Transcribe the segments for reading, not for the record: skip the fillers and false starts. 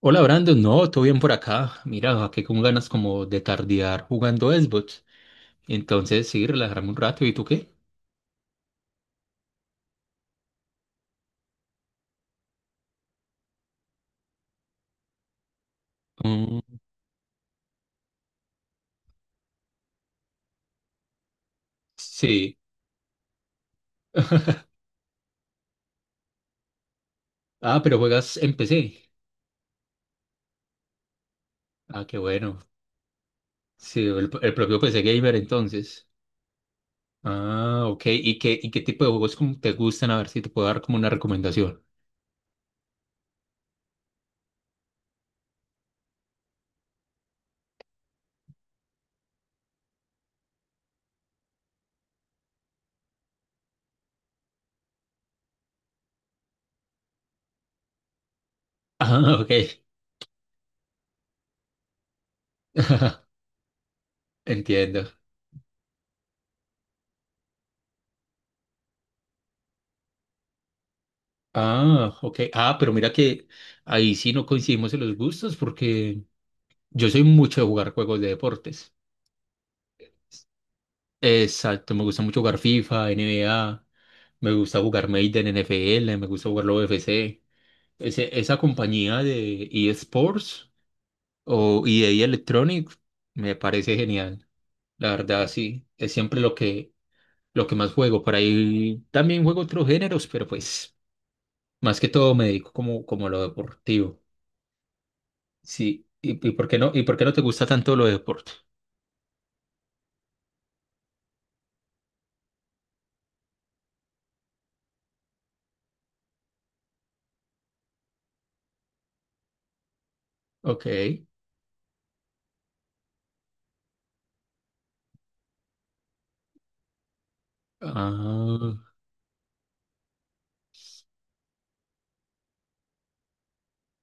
Hola Brandon, no, todo bien por acá. Mira, aquí con ganas como de tardear jugando Xbox. Entonces, sí, relajarme un rato. ¿Y tú qué? Mm, sí. Ah, pero juegas en PC. Ah, qué bueno. Sí, el propio PC Gamer entonces. Ah, ok. ¿Y qué tipo de juegos como te gustan? A ver si te puedo dar como una recomendación. Ah, ok. Entiendo. Ah, ok. Ah, pero mira que ahí sí no coincidimos en los gustos porque yo soy mucho de jugar juegos de deportes. Exacto, me gusta mucho jugar FIFA, NBA, me gusta jugar Madden, NFL, me gusta jugar la UFC. Esa compañía de eSports o EA Electronics me parece genial. La verdad, sí, es siempre lo que más juego. Por ahí también juego otros géneros, pero pues más que todo me dedico como a lo deportivo. Sí, ¿Y por qué no te gusta tanto lo de deporte? Ok. Ah.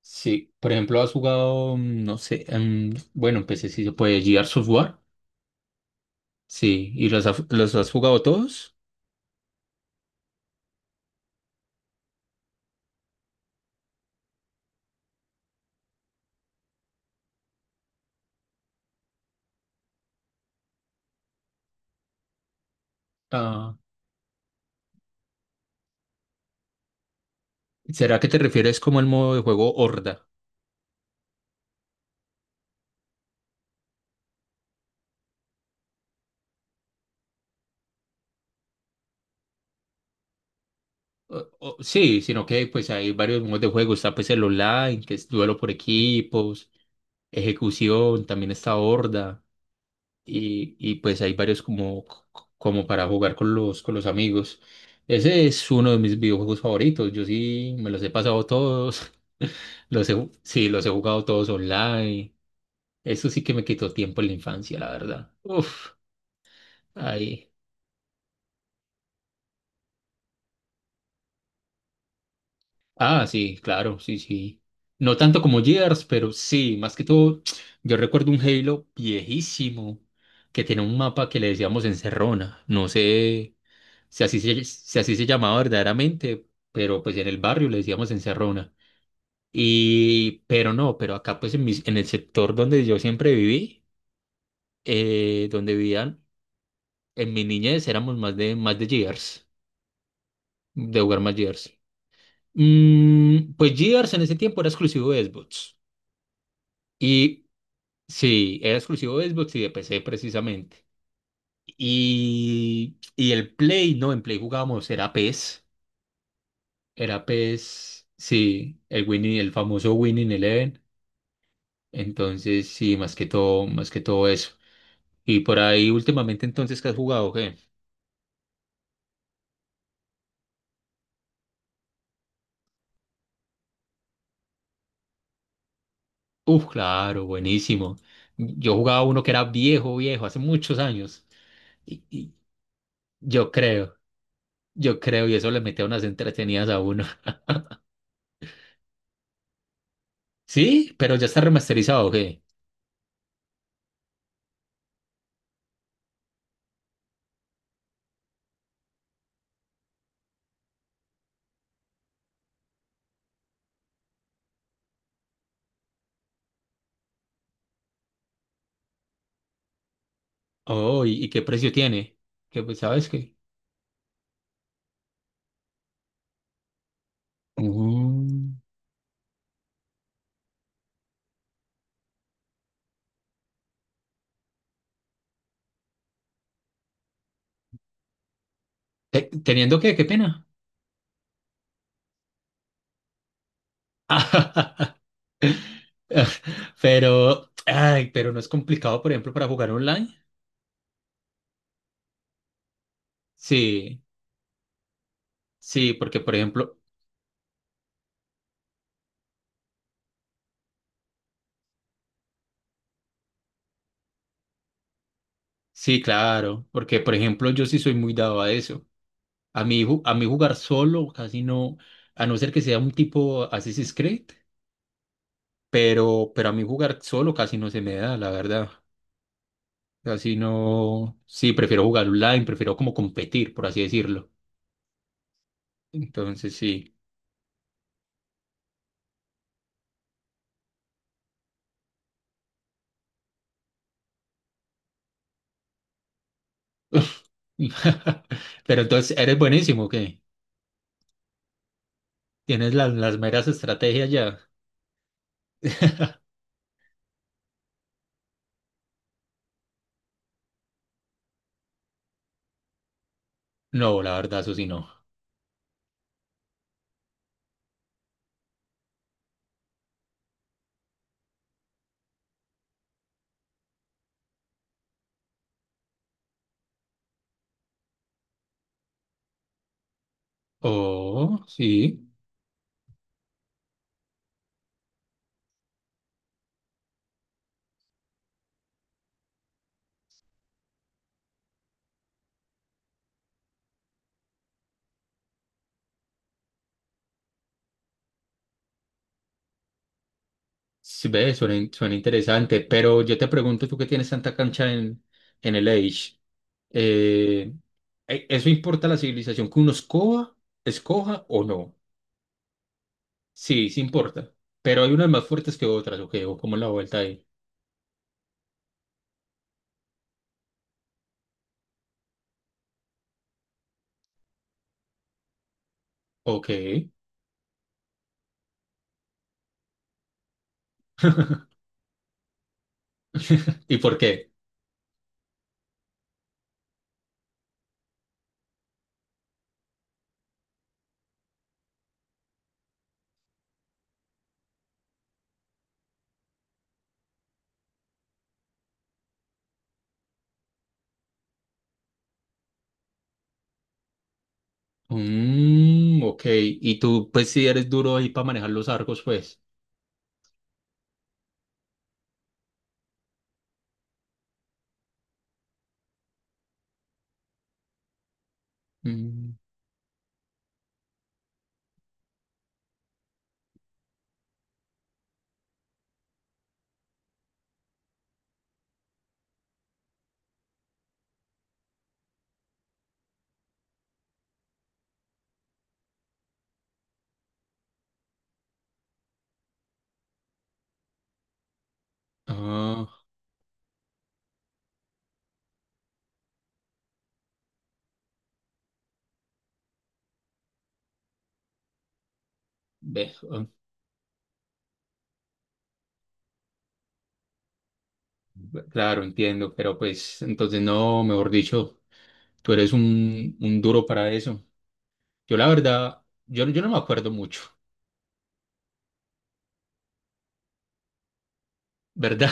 Sí, por ejemplo, has jugado, no sé, bueno, empecé si se puede, Gears of War. Sí, ¿y los has jugado todos? Ah, ¿será que te refieres como el modo de juego Horda? Sí, sino que pues hay varios modos de juego. Está pues el online, que es duelo por equipos, ejecución, también está Horda. Y pues hay varios como para jugar con con los amigos. Ese es uno de mis videojuegos favoritos. Yo sí me los he pasado todos. Sí, los he jugado todos online. Eso sí que me quitó tiempo en la infancia, la verdad. Uf, ahí. Ah, sí, claro, sí, sí. No tanto como Gears, pero sí, más que todo, yo recuerdo un Halo viejísimo que tiene un mapa que le decíamos Encerrona. No sé, si así se llamaba verdaderamente, pero pues en el barrio le decíamos encerrona. Y, pero no, pero acá pues en el sector donde yo siempre viví, donde vivían, en mi niñez éramos más de Gears, de jugar más Gears. Mm, pues Gears en ese tiempo era exclusivo de Xbox. Y sí, era exclusivo de Xbox y de PC precisamente. Y el Play, no, en Play jugábamos, era PES. Era PES, sí, el Winning, el famoso Winning Eleven. Entonces, sí, más que todo eso. Y por ahí últimamente entonces, ¿qué has jugado, qué? Uf, claro, buenísimo. Yo jugaba uno que era viejo, viejo, hace muchos años. Y yo creo, yo creo, y eso le metía unas entretenidas a uno. Sí, pero ya está remasterizado, ¿qué? Oh, ¿y qué precio tiene? ¿Qué, pues, sabes qué? Mm. ¿Teniendo qué? ¿Qué pena? Pero, ay, pero no es complicado, por ejemplo, para jugar online. Sí, sí, porque, por ejemplo, sí, claro, porque, por ejemplo, yo sí soy muy dado a eso. A mí, a mí jugar solo casi no, a no ser que sea un tipo Assassin's Creed, pero, a mí jugar solo casi no se me da, la verdad. Casi no, sí, prefiero jugar online, prefiero como competir, por así decirlo. Entonces, sí. Pero entonces, ¿eres buenísimo o qué? Tienes las meras estrategias ya. No, la verdad, eso sí no. Oh, sí, sí, ve, suena, suena interesante, pero yo te pregunto, tú que tienes tanta cancha en el Age, eh, ¿eso importa la civilización que uno escoja o no? Sí, sí importa, pero hay unas más fuertes que otras, ok, o como la vuelta ahí, ok, ¿y por qué? Mm, ok, y tú pues si eres duro ahí para manejar los arcos, pues. Mm, ah, ve. Ah, claro, entiendo, pero pues entonces no, mejor dicho, tú eres un duro para eso. Yo la verdad, yo no me acuerdo mucho, ¿verdad?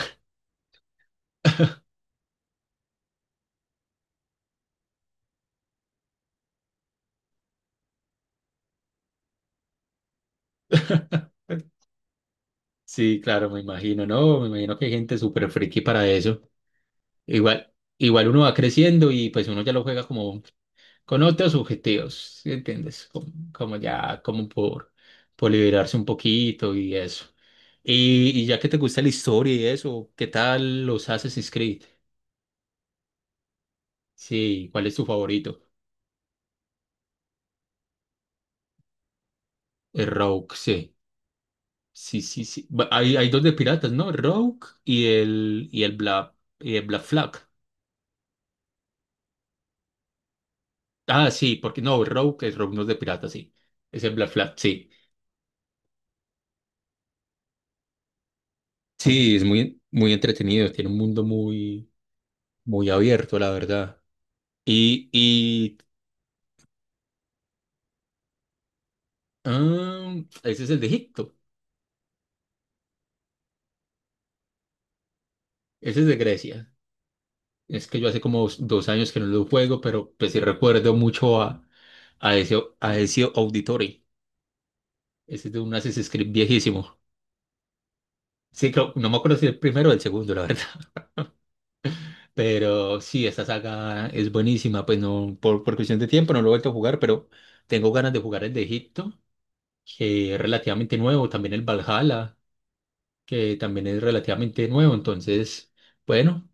Sí, claro, me imagino, ¿no? Me imagino que hay gente súper friki para eso. Igual, igual uno va creciendo y pues uno ya lo juega como con otros objetivos, ¿sí entiendes? Como ya, como por liberarse un poquito y eso. Y ya que te gusta la historia y eso, ¿qué tal los Assassin's Creed? Sí, ¿cuál es tu favorito? El Rogue, sí. Sí, sí, sí. Hay dos de piratas, ¿no? El Rogue y el, y el Black, y el Black Flag. Ah, sí, porque no, el Rogue no es de piratas, sí. Es el Black Flag, sí. Sí, es muy, muy entretenido. Tiene un mundo muy, muy abierto, la verdad. Y, ah, ese es el de Egipto. Ese es de Grecia. Es que yo hace como dos años que no lo juego, pero pues sí recuerdo mucho a ese Auditory. Ese es de un Assassin's Creed viejísimo. Sí, no me acuerdo si el primero o el segundo, la verdad. Pero sí, esta saga es buenísima. Pues no, por cuestión de tiempo no lo he vuelto a jugar, pero tengo ganas de jugar el de Egipto, que es relativamente nuevo. También el Valhalla, que también es relativamente nuevo. Entonces, bueno,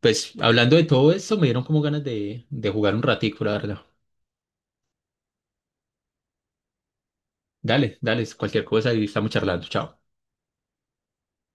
pues hablando de todo eso, me dieron como ganas de jugar un ratico, la verdad. Dale, dale, cualquier cosa y estamos charlando. Chao.